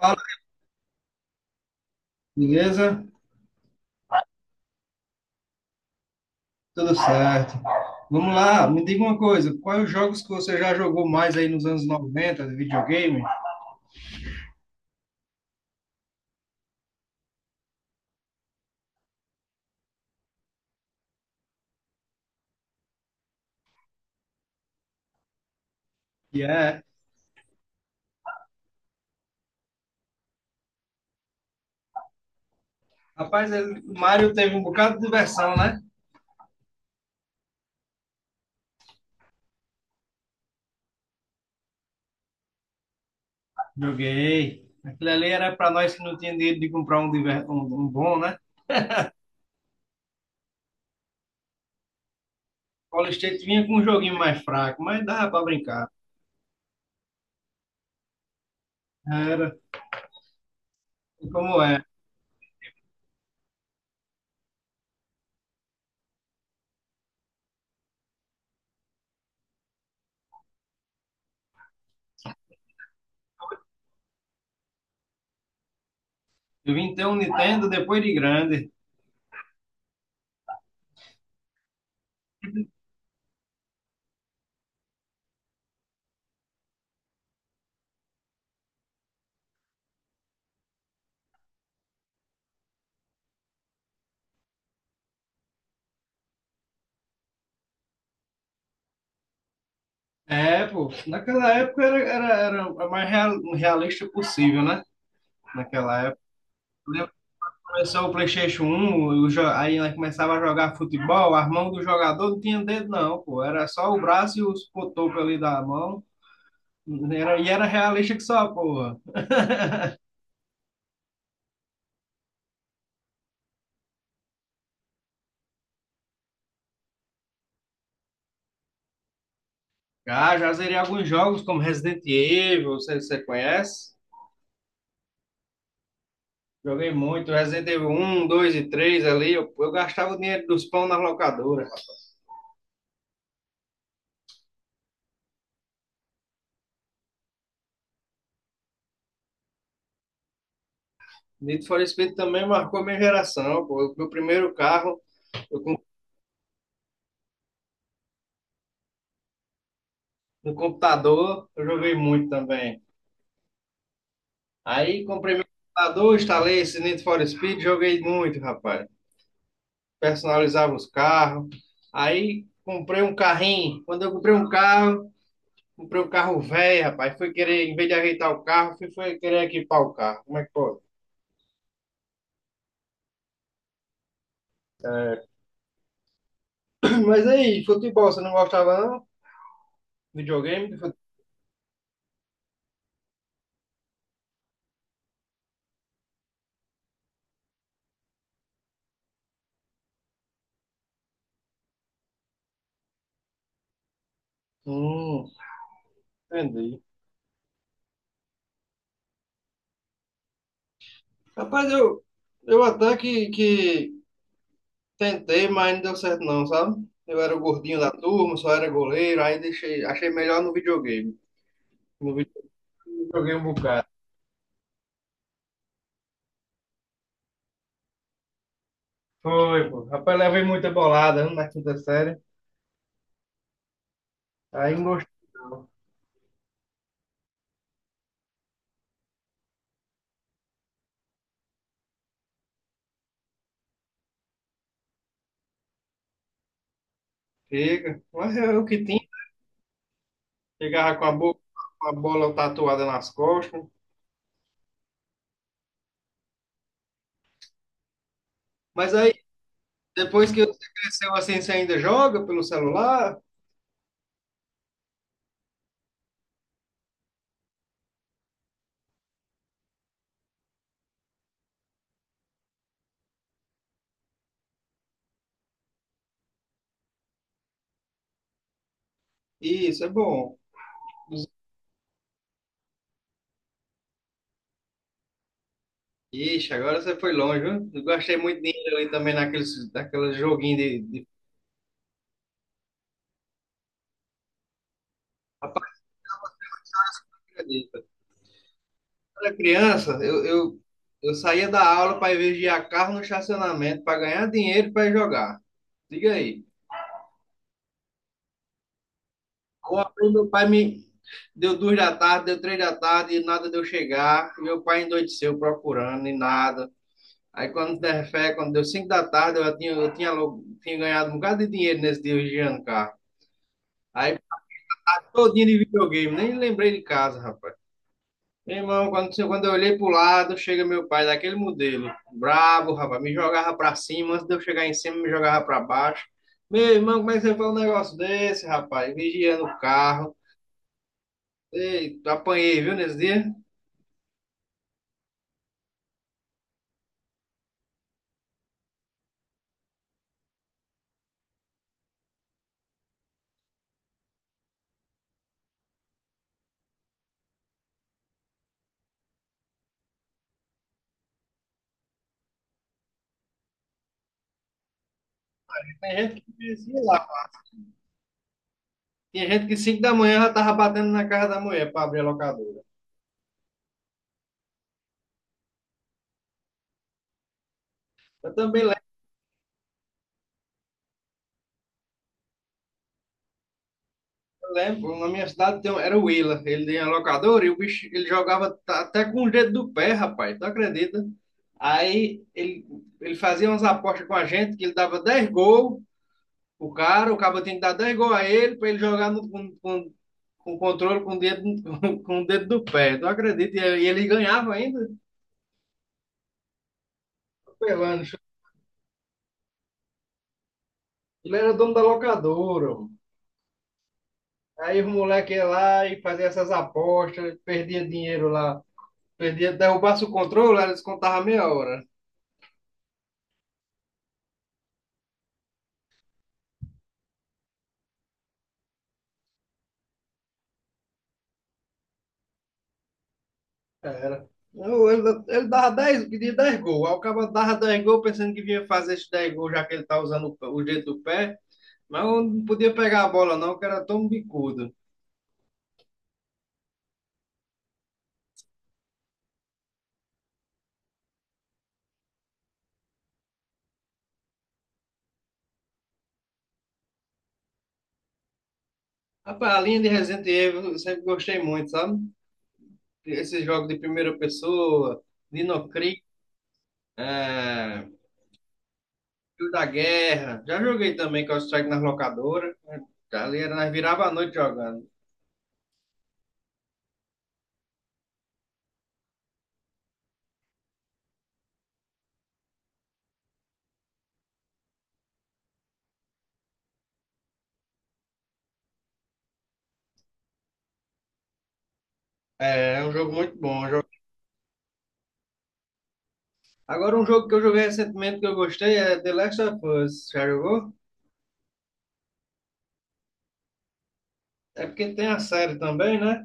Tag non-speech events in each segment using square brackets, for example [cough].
Fala, beleza? Tudo certo. Vamos lá, me diga uma coisa, quais os jogos que você já jogou mais aí nos anos 90 de videogame? Que é, rapaz, o Mario teve um bocado de diversão, né? Joguei. Aquilo ali era para nós que não tinha dinheiro de comprar um bom, né? Call State vinha com um joguinho mais fraco, mas dava para brincar. Era. E como é? Eu vim ter um Nintendo depois de grande. É, pô, naquela época era a mais realista possível, né? Naquela época. Começou o PlayStation 1, aí ela começava a jogar futebol, a mão do jogador não tinha dedo, não, pô. Era só o braço e os cotocos ali da mão. Era, e era realista que só, porra. Ah, já zerei alguns jogos como Resident Evil, você conhece? Joguei muito, Resident Evil 1, 2 e 3 ali. Eu gastava o dinheiro dos pão na locadora. Need for Speed também marcou minha geração, pô. Meu primeiro carro, eu, com- no computador, eu joguei muito também. Aí comprei meu computador, instalei esse Need for Speed, joguei muito, rapaz. Personalizava os carros. Aí comprei um carrinho. Quando eu comprei um carro velho, rapaz. Fui querer, em vez de ajeitar o carro, fui querer equipar o carro. Como é que pode? [clears throat] Mas aí, futebol, você não gostava não? Videogame? Hum, entendi. Rapaz, eu até que tentei, mas não deu certo não, sabe? Eu era o gordinho da turma, só era goleiro, aí deixei, achei melhor no videogame. No videogame joguei um bocado. Foi, pô. Rapaz, levei muita bolada né, na quinta série. Aí não gostei, não. Chega. Mas é o que tinha. Chegava com a bola tatuada nas costas. Mas aí, depois que você cresceu assim, você ainda joga pelo celular? Isso, é bom. Ixi, agora você foi longe, viu? Eu gostei muito de ir ali também naqueles joguinhos de... Rapaz, acredita? Quando eu era criança, eu saía da aula para ir vigiar carro no estacionamento para ganhar dinheiro para ir jogar. Diga aí. Ontem meu pai me deu 2 da tarde, deu 3 da tarde e nada de eu chegar. Meu pai endoideceu procurando e nada. Aí quando der fé, quando deu 5 da tarde, eu tinha ganhado um bocado de dinheiro nesse dia vigiando carro. Aí todinho de videogame, nem lembrei de casa, rapaz. Meu irmão, quando eu olhei pro lado, chega meu pai daquele modelo, brabo, rapaz, me jogava pra cima, antes de eu chegar em cima, me jogava pra baixo. Meu irmão, como é que você faz um negócio desse, rapaz? Vigiando o carro. Ei, apanhei, viu, nesse dia? Tem gente que dizia lá. Tinha gente que 5 da manhã já tava batendo na casa da mulher para abrir a locadora. Eu também lembro, lembro, na minha cidade era o Willa. Ele tinha locadora e o bicho, ele jogava até com o dedo do pé, rapaz. Tu acredita? Aí ele fazia umas apostas com a gente que ele dava 10 gols. O cara, o cabo tinha que dar 10 gols a ele para ele jogar com controle com o dedo, [laughs] com, o dedo do pé. Tu acredita? E ele ganhava ainda. Pelando, Ele era dono da locadora, mano. Aí os moleques iam lá e faziam essas apostas, perdia dinheiro lá. Perdia, derrubasse o controle, aí eles contavam meia hora. Era. Não, ele dava 10, pedia 10 gols. Aí o cara dava 10 gols pensando que vinha fazer esses 10 gols, já que ele tá usando o jeito do pé. Mas eu não podia pegar a bola, não, que era tão bicudo. Rapaz, a linha de Resident Evil eu sempre gostei muito, sabe? Esses jogos de primeira pessoa, Dino Crisis, é, Filho da Guerra. Já joguei também Counter-Strike nas locadoras, né? Ali era, nós virava a noite jogando. É, é um jogo muito bom. Agora, um jogo que eu joguei recentemente que eu gostei é The Last of Us. Já jogou? É porque tem a série também, né?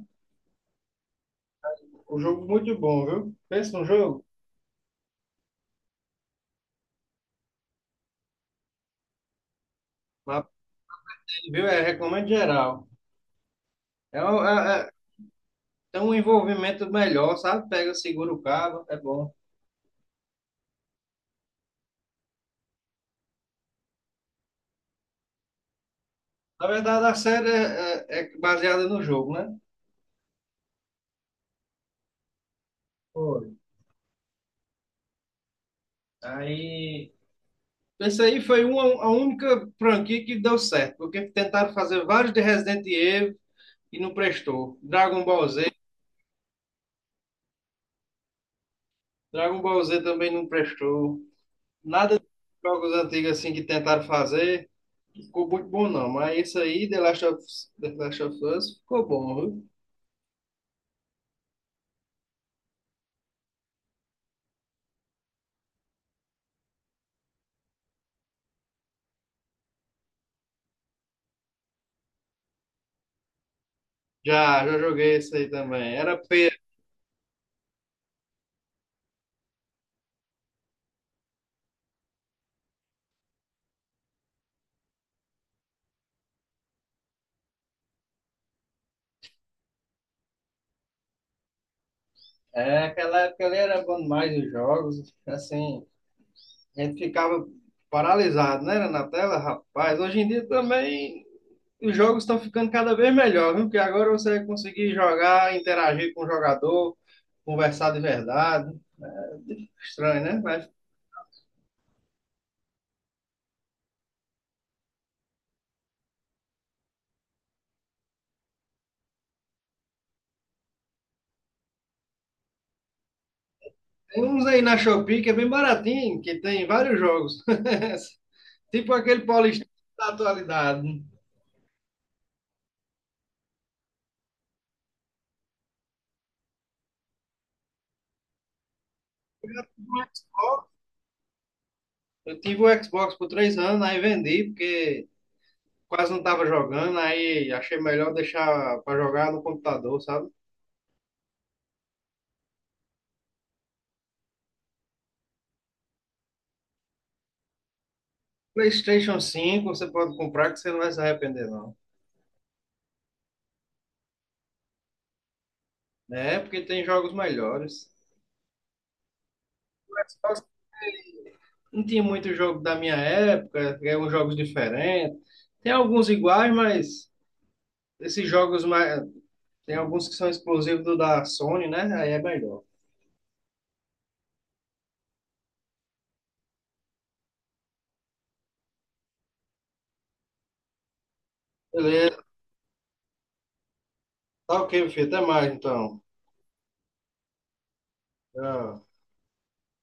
Um jogo muito bom, viu? Pensa num jogo. Mas, viu? É, recomendo geral. É, tem um envolvimento melhor, sabe? Pega, segura o cabo, é bom. Na verdade, a série é baseada no jogo, né? Foi. Aí. Essa aí foi a única franquia que deu certo, porque tentaram fazer vários de Resident Evil e não prestou. Dragon Ball Z, também não prestou. Nada de jogos antigos assim que tentaram fazer ficou muito bom não, mas isso aí, The Last of Us, ficou bom, viu? Já joguei isso aí também. Era feio. É, aquela época ali era bom demais os jogos, assim, a gente ficava paralisado, né, na tela, rapaz. Hoje em dia também os jogos estão ficando cada vez melhor, viu? Porque agora você vai conseguir jogar, interagir com o jogador, conversar de verdade. É, estranho, né? Mas tem uns aí na Shopee que é bem baratinho, que tem vários jogos. [laughs] Tipo aquele Paulistão da atualidade. Eu tive o Xbox eu tive um Xbox por 3 anos, aí vendi, porque quase não estava jogando, aí achei melhor deixar para jogar no computador, sabe? PlayStation 5 você pode comprar que você não vai se arrepender, não. Né? Porque tem jogos melhores. Xbox não tinha muito jogo da minha época, eram jogos diferentes. Tem alguns iguais, mas esses jogos mais... Tem alguns que são exclusivos do da Sony, né? Aí é melhor. Beleza, tá ok, meu filho. Até mais então. Tchau.